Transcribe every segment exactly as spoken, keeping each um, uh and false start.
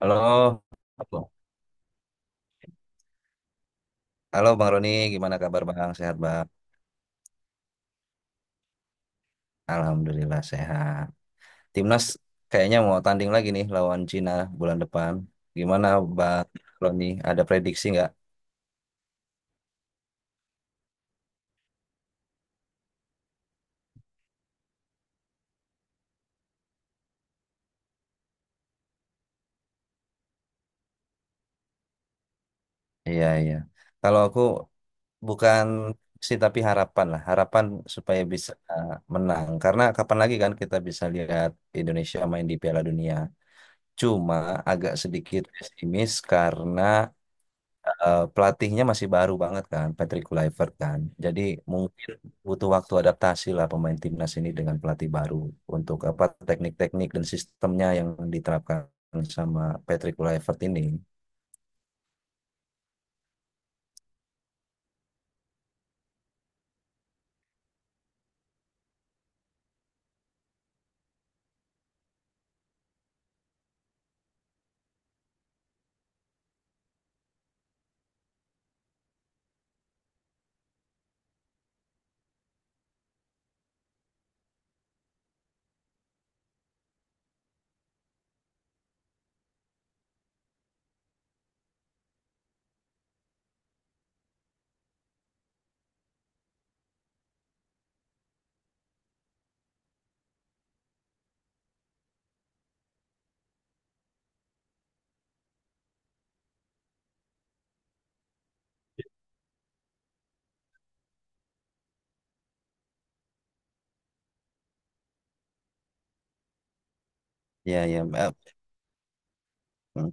Halo, halo, halo Bang Roni, gimana kabar Bang? Sehat Bang? Alhamdulillah sehat. Timnas kayaknya mau tanding lagi nih lawan Cina bulan depan. Gimana Bang Roni? Ada prediksi nggak? Iya iya. Kalau aku bukan sih tapi harapan lah, harapan supaya bisa uh, menang. Karena kapan lagi kan kita bisa lihat Indonesia main di Piala Dunia. Cuma agak sedikit pesimis karena eh, pelatihnya masih baru banget kan, Patrick Kluivert kan. Jadi mungkin butuh waktu adaptasi lah pemain timnas ini dengan pelatih baru untuk apa teknik-teknik dan sistemnya yang diterapkan sama Patrick Kluivert ini. Ya ya. eh, hmm,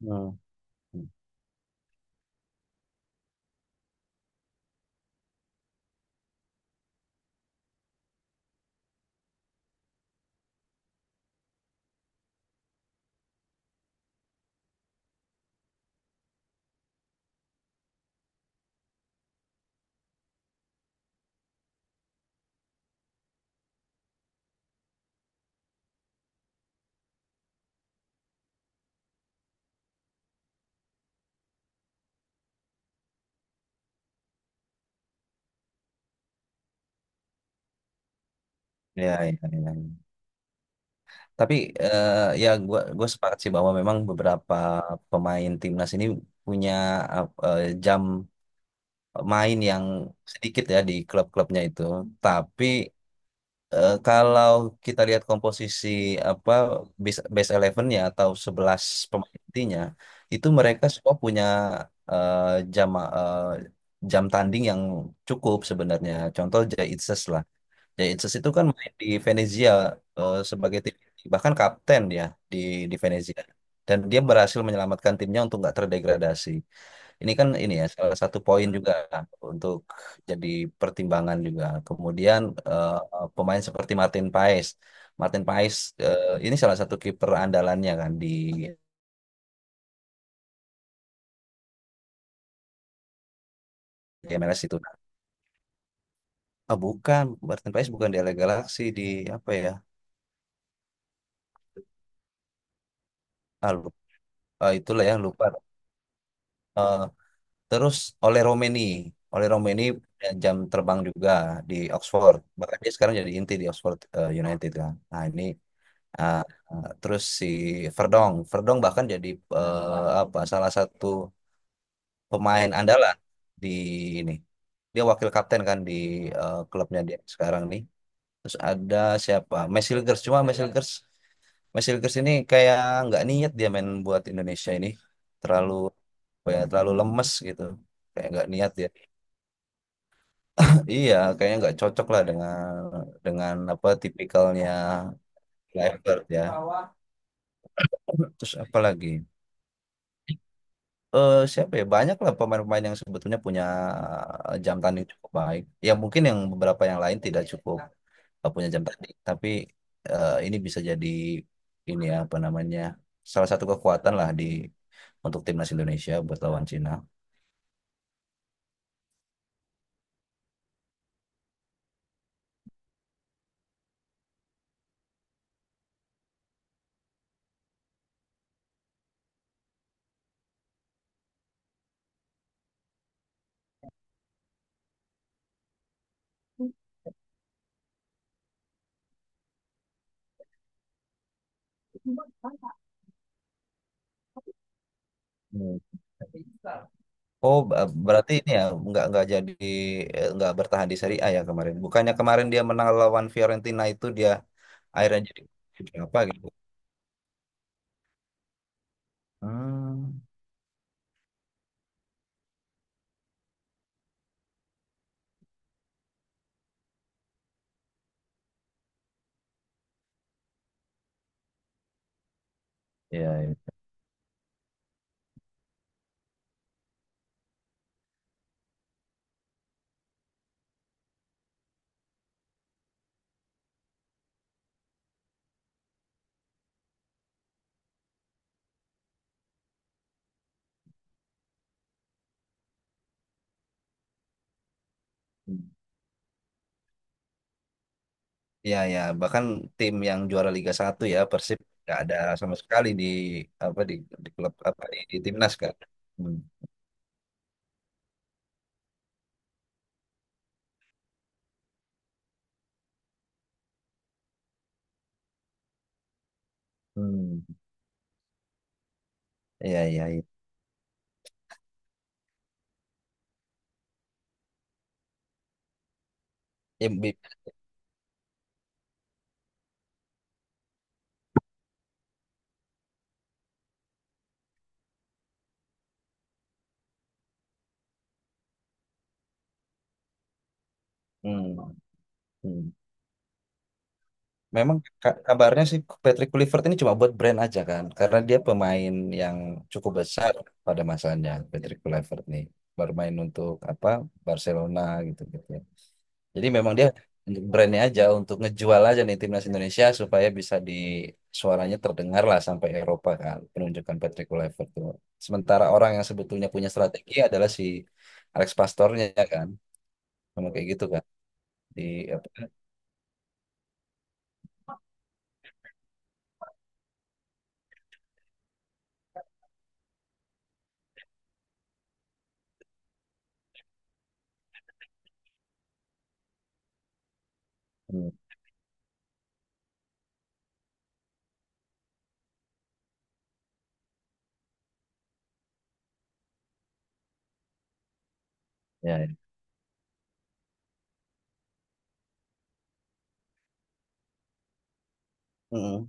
hmm. Ya, ya, ya. Tapi eh, ya gua gua sepakat sih bahwa memang beberapa pemain timnas ini punya ap- eh, jam main yang sedikit ya di klub-klubnya itu. Tapi eh, kalau kita lihat komposisi apa base base sebelas-nya atau sebelas pemain intinya, itu mereka semua punya eh, jam eh, jam tanding yang cukup sebenarnya. Contoh Jay Itzes lah. Jay Itzes itu kan main di Venezia eh, sebagai tim inti, bahkan kapten dia di di Venezia. Dan dia berhasil menyelamatkan timnya untuk nggak terdegradasi. Ini kan ini ya salah satu poin juga untuk jadi pertimbangan juga. Kemudian eh, pemain seperti Martin Paes, Martin Paes eh, ini salah satu kiper andalannya kan di M L S itu. Ah, bukan, Martin Paes bukan di L A Galaxy di apa ya? Ah, lupa, Ah, itulah ya lupa. Eh, terus oleh Romeni, oleh Romeni punya jam terbang juga di Oxford. Bahkan dia sekarang jadi inti di Oxford eh, United kan. Nah ini Ah, ah, terus si Verdong, Verdong bahkan jadi eh, apa salah satu pemain andalan di ini. Dia wakil kapten kan di eh, klubnya dia sekarang nih. Terus ada siapa? Mesilgers cuma Mesilgers Mesilgers ini kayak nggak niat dia main buat Indonesia ini. Terlalu apa ya, terlalu lemes gitu. Kayak nggak niat dia. Iya, kayaknya nggak cocok lah dengan dengan apa tipikalnya Kluivert ya. Terus apa lagi? eh, siapa ya banyak lah pemain-pemain yang sebetulnya punya eh, jam tanding cukup baik. Ya mungkin yang beberapa yang lain tidak cukup eh, punya jam tanding, tapi eh, ini bisa jadi ini ya, apa namanya salah satu kekuatan lah di untuk timnas Indonesia buat lawan Cina. Hmm. Oh, ba- berarti ini ya nggak nggak jadi eh, nggak bertahan di Serie A ya kemarin. Bukannya kemarin dia menang lawan Fiorentina itu dia akhirnya jadi berapa gitu? Hmm, ya, ya. Iya ya, bahkan tim yang juara Liga Satu ya Persib nggak ada sama sekali di apa di, di klub apa di, di timnas kan. Hmm. Hmm. Iya iya iya. Ya, bi- hmm. Hmm. Memang ka- kabarnya sih Patrick Kluivert ini cuma buat brand aja kan, karena dia pemain yang cukup besar pada masanya Patrick Kluivert nih bermain untuk apa Barcelona gitu gitu. Jadi memang dia untuk brandnya aja, untuk ngejual aja nih timnas Indonesia supaya bisa di suaranya terdengar lah sampai Eropa kan penunjukan Patrick Kluivert tuh. Sementara orang yang sebetulnya punya strategi adalah si Alex Pastornya ya kan, sama kayak gitu kan di apa? Hmm, ya, ya. Mm-mm.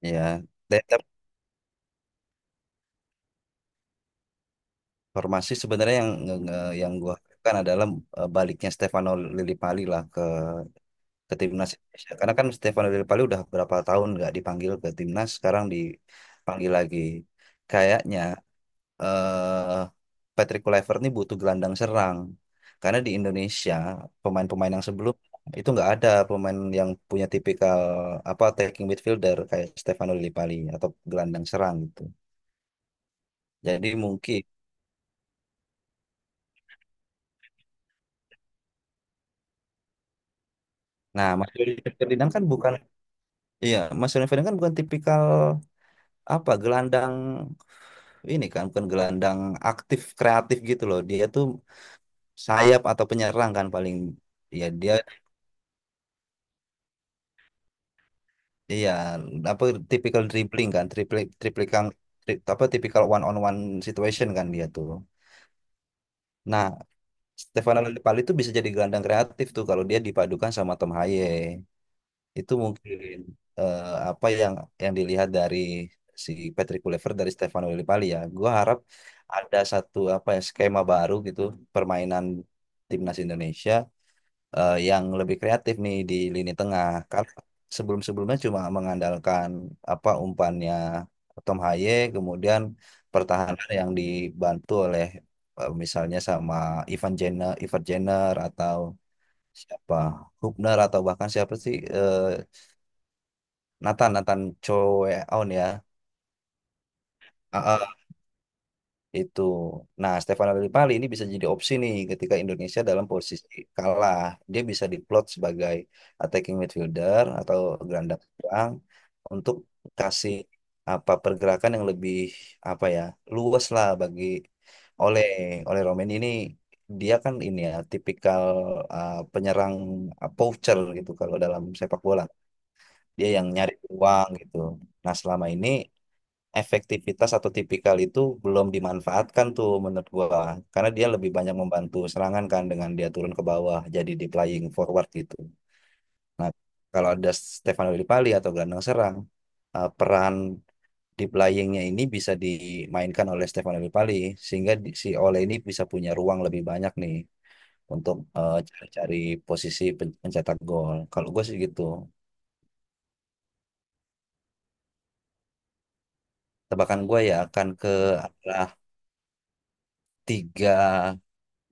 Ya. Dan formasi sebenarnya yang nge- nge- yang gua harapkan adalah eh, baliknya Stefano Lillipali lah. Ke timnas Indonesia. Karena kan Stefano Del Piero udah berapa tahun nggak dipanggil ke timnas, sekarang dipanggil lagi. Kayaknya eh Patrick Kluivert nih butuh gelandang serang. Karena di Indonesia pemain-pemain yang sebelum itu nggak ada pemain yang punya tipikal apa attacking midfielder kayak Stefano Del Piero atau gelandang serang gitu. Jadi mungkin Nah, Mas Yuli Ferdinand kan bukan, iya, Mas Yuli Ferdinand kan bukan tipikal apa gelandang ini kan bukan gelandang aktif kreatif gitu loh. Dia tuh sayap atau penyerang kan paling ya dia iya apa tipikal dribbling kan, triplik triplikan tri- apa tipikal one on one situation kan dia tuh. Nah, Stefano Lillipali itu bisa jadi gelandang kreatif tuh kalau dia dipadukan sama Tom Haye. Itu mungkin eh, apa yang yang dilihat dari si Patrick Kluivert dari Stefano Lillipali ya. Gua harap ada satu apa ya skema baru gitu permainan timnas Indonesia eh, yang lebih kreatif nih di lini tengah. Karena sebelum-sebelumnya cuma mengandalkan apa umpannya Tom Haye, kemudian pertahanan yang dibantu oleh eh, misalnya sama Ivan Jenner, Ivan Jenner atau siapa Hubner atau bahkan siapa sih eh, Nathan Nathan Choeon ya. Ah, ah. Itu. Nah, Stefano Lillipali ini bisa jadi opsi nih ketika Indonesia dalam posisi kalah. Dia bisa diplot sebagai attacking midfielder atau gelandang serang untuk kasih apa pergerakan yang lebih apa ya luas lah bagi oleh oleh Romain ini dia kan ini ya tipikal uh, penyerang uh, poacher gitu kalau dalam sepak bola dia yang nyari uang gitu. Nah selama ini efektivitas atau tipikal itu belum dimanfaatkan tuh menurut gua karena dia lebih banyak membantu serangan kan dengan dia turun ke bawah jadi di playing forward gitu. Nah, kalau ada Stefano Lillipali atau gelandang serang eh, peran di playingnya ini bisa dimainkan oleh Stefano Lillipali sehingga di- si Ole ini bisa punya ruang lebih banyak nih untuk eh, cari-cari posisi pen- pencetak gol. Kalau gue sih gitu. Tebakan gue ya akan ke arah tiga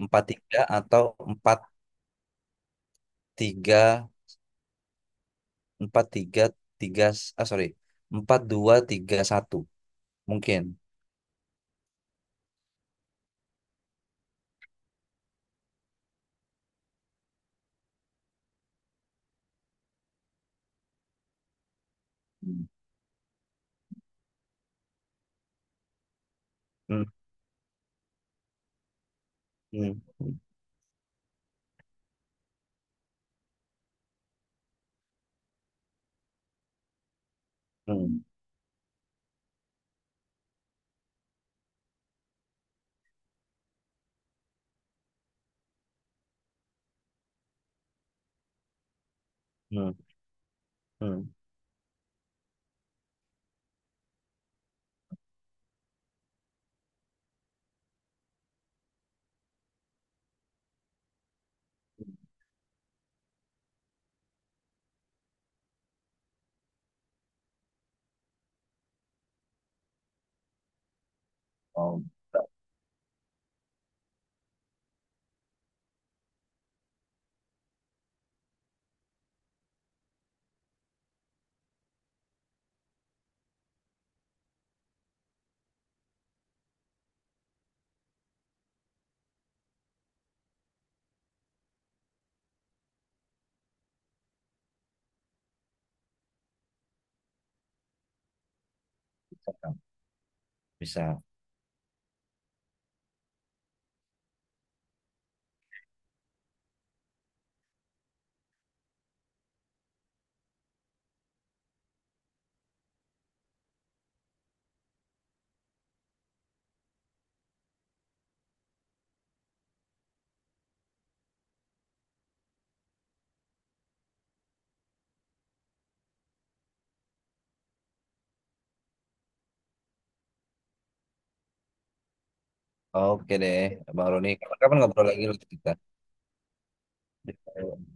empat tiga atau empat tiga empat tiga tiga ah sorry empat dua tiga satu mungkin hmm. Hmm. Hmm. Hmm. Hmm. Hmm. Oh, tak bisa Kak. Bisa oke deh Bang Roni kapan-kapan ngobrol lagi lah kita